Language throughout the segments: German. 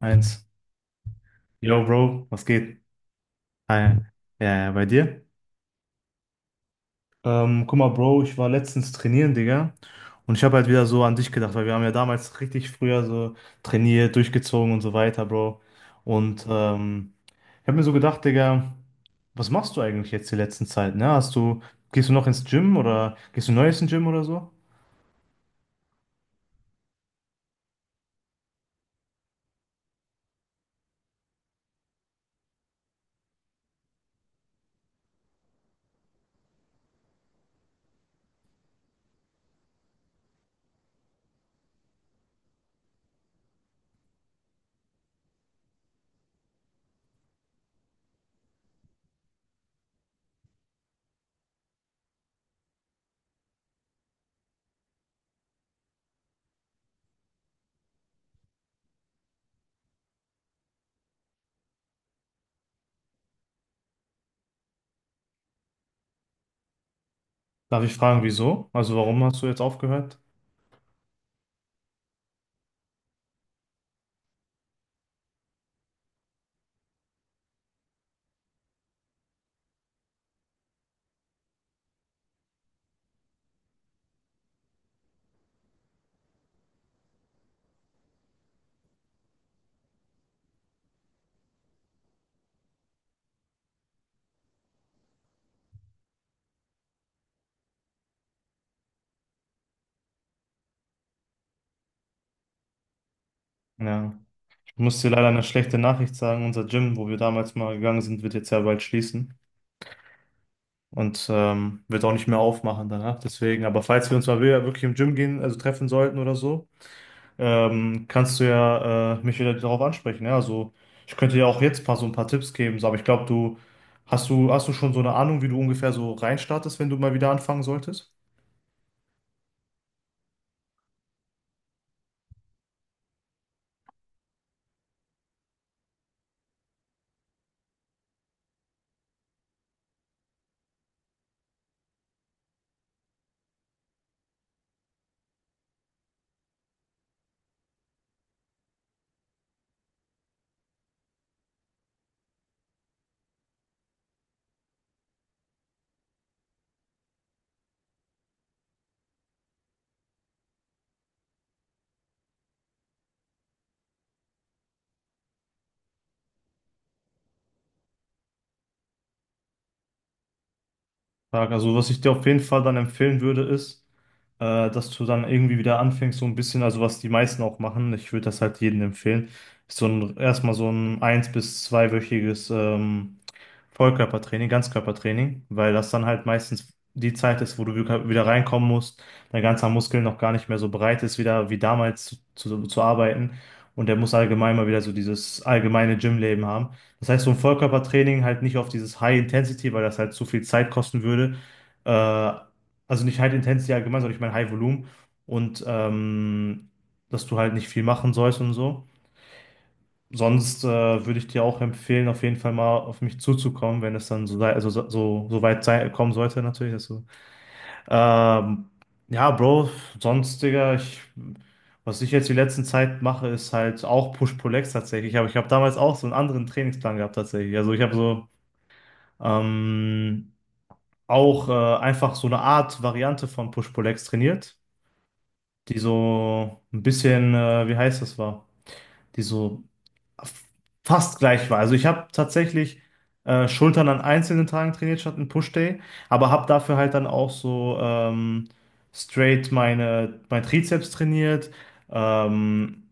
Eins. Yo, Bro, was geht? Hi. Ja, ja, bei dir? Guck mal, Bro, ich war letztens trainieren, Digga. Und ich habe halt wieder so an dich gedacht, weil wir haben ja damals richtig früher so trainiert, durchgezogen und so weiter, Bro. Und ähm, Ich habe mir so gedacht, Digga, was machst du eigentlich jetzt die letzten Zeit, ne? Gehst du noch ins Gym oder gehst du neu ins Gym oder so? Darf ich fragen, wieso? Also warum hast du jetzt aufgehört? Ja. Ich muss dir leider eine schlechte Nachricht sagen. Unser Gym, wo wir damals mal gegangen sind, wird jetzt ja bald schließen. Wird auch nicht mehr aufmachen danach. Deswegen, aber falls wir uns mal wieder wirklich im Gym gehen, also treffen sollten oder so, kannst du ja mich wieder darauf ansprechen. Ja? Also ich könnte ja auch jetzt ein paar, so ein paar Tipps geben, so, aber ich glaube, hast du schon so eine Ahnung, wie du ungefähr so reinstartest, wenn du mal wieder anfangen solltest? Frage. Also was ich dir auf jeden Fall dann empfehlen würde, ist, dass du dann irgendwie wieder anfängst, so ein bisschen, also was die meisten auch machen, ich würde das halt jedem empfehlen, ist so ein erstmal so ein eins- bis zweiwöchiges Vollkörpertraining, Ganzkörpertraining, weil das dann halt meistens die Zeit ist, wo du wieder reinkommen musst, dein ganzer Muskel noch gar nicht mehr so breit ist, wieder wie damals zu arbeiten. Und der muss allgemein mal wieder so dieses allgemeine Gymleben haben. Das heißt, so ein Vollkörpertraining halt nicht auf dieses High Intensity, weil das halt zu viel Zeit kosten würde. Äh, also nicht High Intensity allgemein, sondern ich meine High Volume. Und ähm, dass du halt nicht viel machen sollst und so. Sonst würde ich dir auch empfehlen, auf jeden Fall mal auf mich zuzukommen, wenn es dann so, also so, so weit sei, kommen sollte, natürlich. Dass Ähm, ja, Bro, sonst, Digga, ich, was ich jetzt die letzten Zeit mache, ist halt auch Push-Pull-Legs tatsächlich. Aber ich habe damals auch so einen anderen Trainingsplan gehabt tatsächlich. Also ich habe so ähm, auch einfach so eine Art Variante von Push-Pull-Legs trainiert, die so ein bisschen, wie heißt das war? Die so fast gleich war. Also ich habe tatsächlich Schultern an einzelnen Tagen trainiert statt einen Push-Day, aber habe dafür halt dann auch so straight mein Trizeps trainiert. Ähm,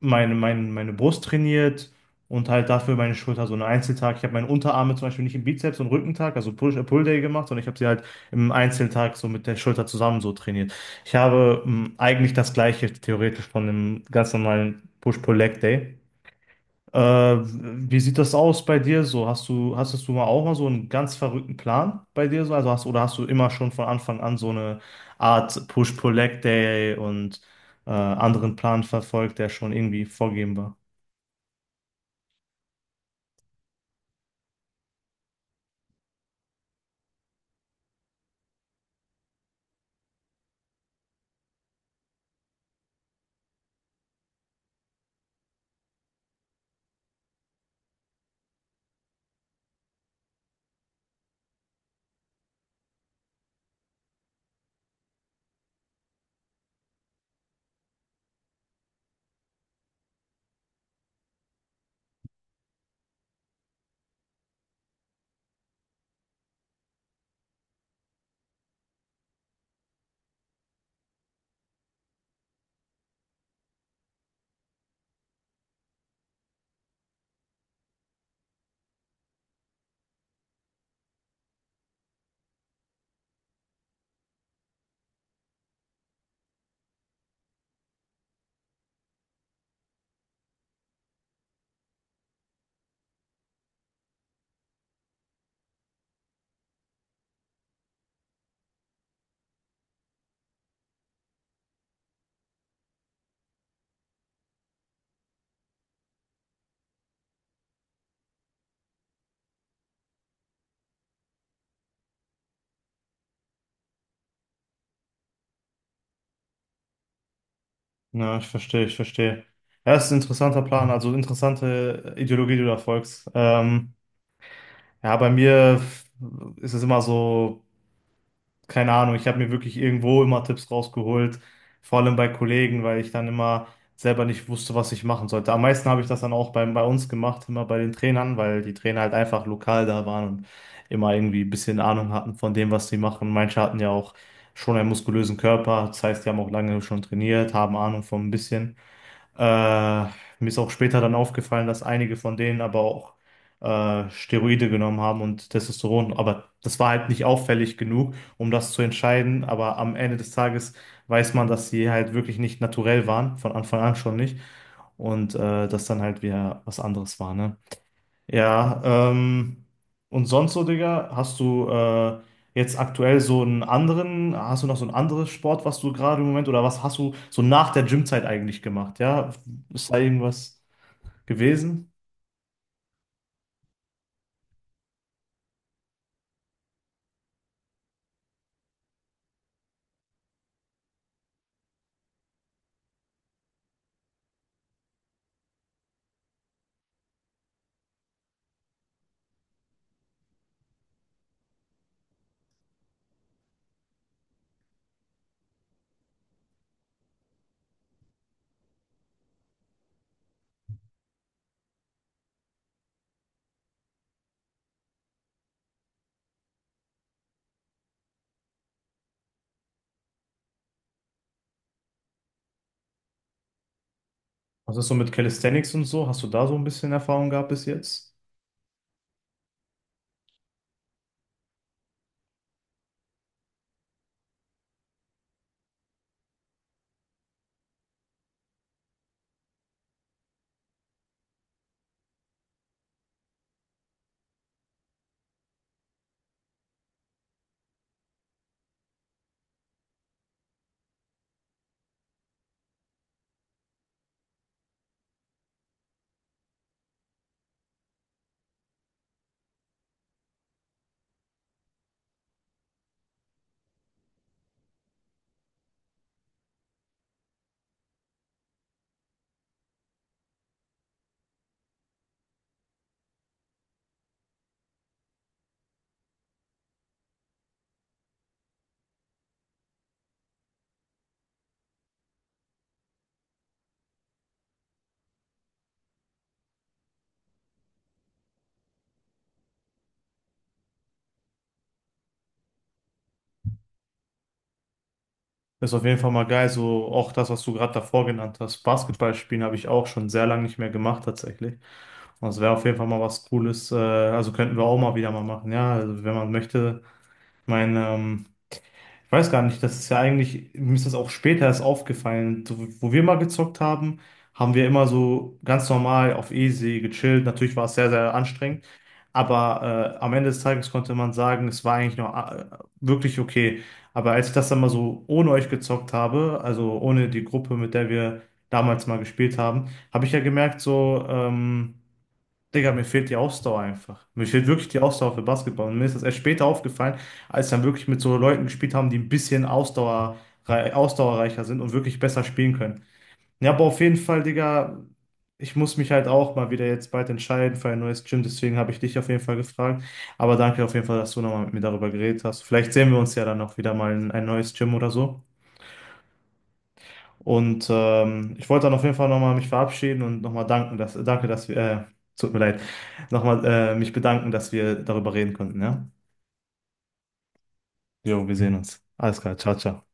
meine Brust trainiert und halt dafür meine Schulter so einen Einzeltag. Ich habe meine Unterarme zum Beispiel nicht im Bizeps und Rückentag, also Push, Pull Day gemacht, sondern ich habe sie halt im Einzeltag so mit der Schulter zusammen so trainiert. Ich habe eigentlich das Gleiche theoretisch von einem ganz normalen Push-Pull-Leg Day. Äh, Wie sieht das aus bei dir so? Hastest du mal auch mal so einen ganz verrückten Plan bei dir so? Also hast, oder hast du immer schon von Anfang an so eine Art Push-Pull-Leg-Day und anderen Plan verfolgt, der schon irgendwie vorgegeben war? Ja, ich verstehe, ich verstehe. Ja, das ist ein interessanter Plan, also interessante Ideologie, die du da folgst. Ja, bei mir ist es immer so. Keine Ahnung, ich habe mir wirklich irgendwo immer Tipps rausgeholt, vor allem bei Kollegen, weil ich dann immer selber nicht wusste, was ich machen sollte. Am meisten habe ich das dann auch bei uns gemacht, immer bei den Trainern, weil die Trainer halt einfach lokal da waren und immer irgendwie ein bisschen Ahnung hatten von dem, was sie machen. Manche hatten ja auch schon einen muskulösen Körper, das heißt, die haben auch lange schon trainiert, haben Ahnung von ein bisschen. Äh, Mir ist auch später dann aufgefallen, dass einige von denen aber auch Steroide genommen haben und Testosteron. Aber das war halt nicht auffällig genug, um das zu entscheiden. Aber am Ende des Tages weiß man, dass sie halt wirklich nicht naturell waren, von Anfang an schon nicht. Und das dann halt wieder was anderes war, ne? Ja, ähm, und sonst so, Digga, hast du jetzt aktuell so einen anderen, hast du noch so ein anderes Sport, was du gerade im Moment, oder was hast du so nach der Gymzeit eigentlich gemacht? Ja, ist da irgendwas gewesen? Was ist so mit Calisthenics und so? Hast du da so ein bisschen Erfahrung gehabt bis jetzt? Ist auf jeden Fall mal geil, so auch das, was du gerade davor genannt hast. Basketball spielen habe ich auch schon sehr lange nicht mehr gemacht, tatsächlich. Und das wäre auf jeden Fall mal was Cooles. Also könnten wir auch mal wieder mal machen, ja, also wenn man möchte. Ich meine, ich weiß gar nicht, das ist ja eigentlich, mir ist das auch später erst aufgefallen. So, wo wir mal gezockt haben, haben wir immer so ganz normal auf easy gechillt. Natürlich war es sehr, sehr anstrengend, aber am Ende des Tages konnte man sagen, es war eigentlich noch wirklich okay. Aber als ich das dann mal so ohne euch gezockt habe, also ohne die Gruppe, mit der wir damals mal gespielt haben, habe ich ja gemerkt, so, Digga, mir fehlt die Ausdauer einfach. Mir fehlt wirklich die Ausdauer für Basketball. Und mir ist das erst später aufgefallen, als dann wirklich mit so Leuten gespielt haben, die ein bisschen Ausdauer, ausdauerreicher sind und wirklich besser spielen können. Ja, aber auf jeden Fall, Digga, ich muss mich halt auch mal wieder jetzt bald entscheiden für ein neues Gym. Deswegen habe ich dich auf jeden Fall gefragt. Aber danke auf jeden Fall, dass du nochmal mit mir darüber geredet hast. Vielleicht sehen wir uns ja dann noch wieder mal in ein neues Gym oder so. Ich wollte dann auf jeden Fall nochmal mich verabschieden und nochmal danken, dass, danke, dass wir, tut mir leid, nochmal mich bedanken, dass wir darüber reden konnten, ja? Jo, wir sehen uns. Alles klar, ciao, ciao.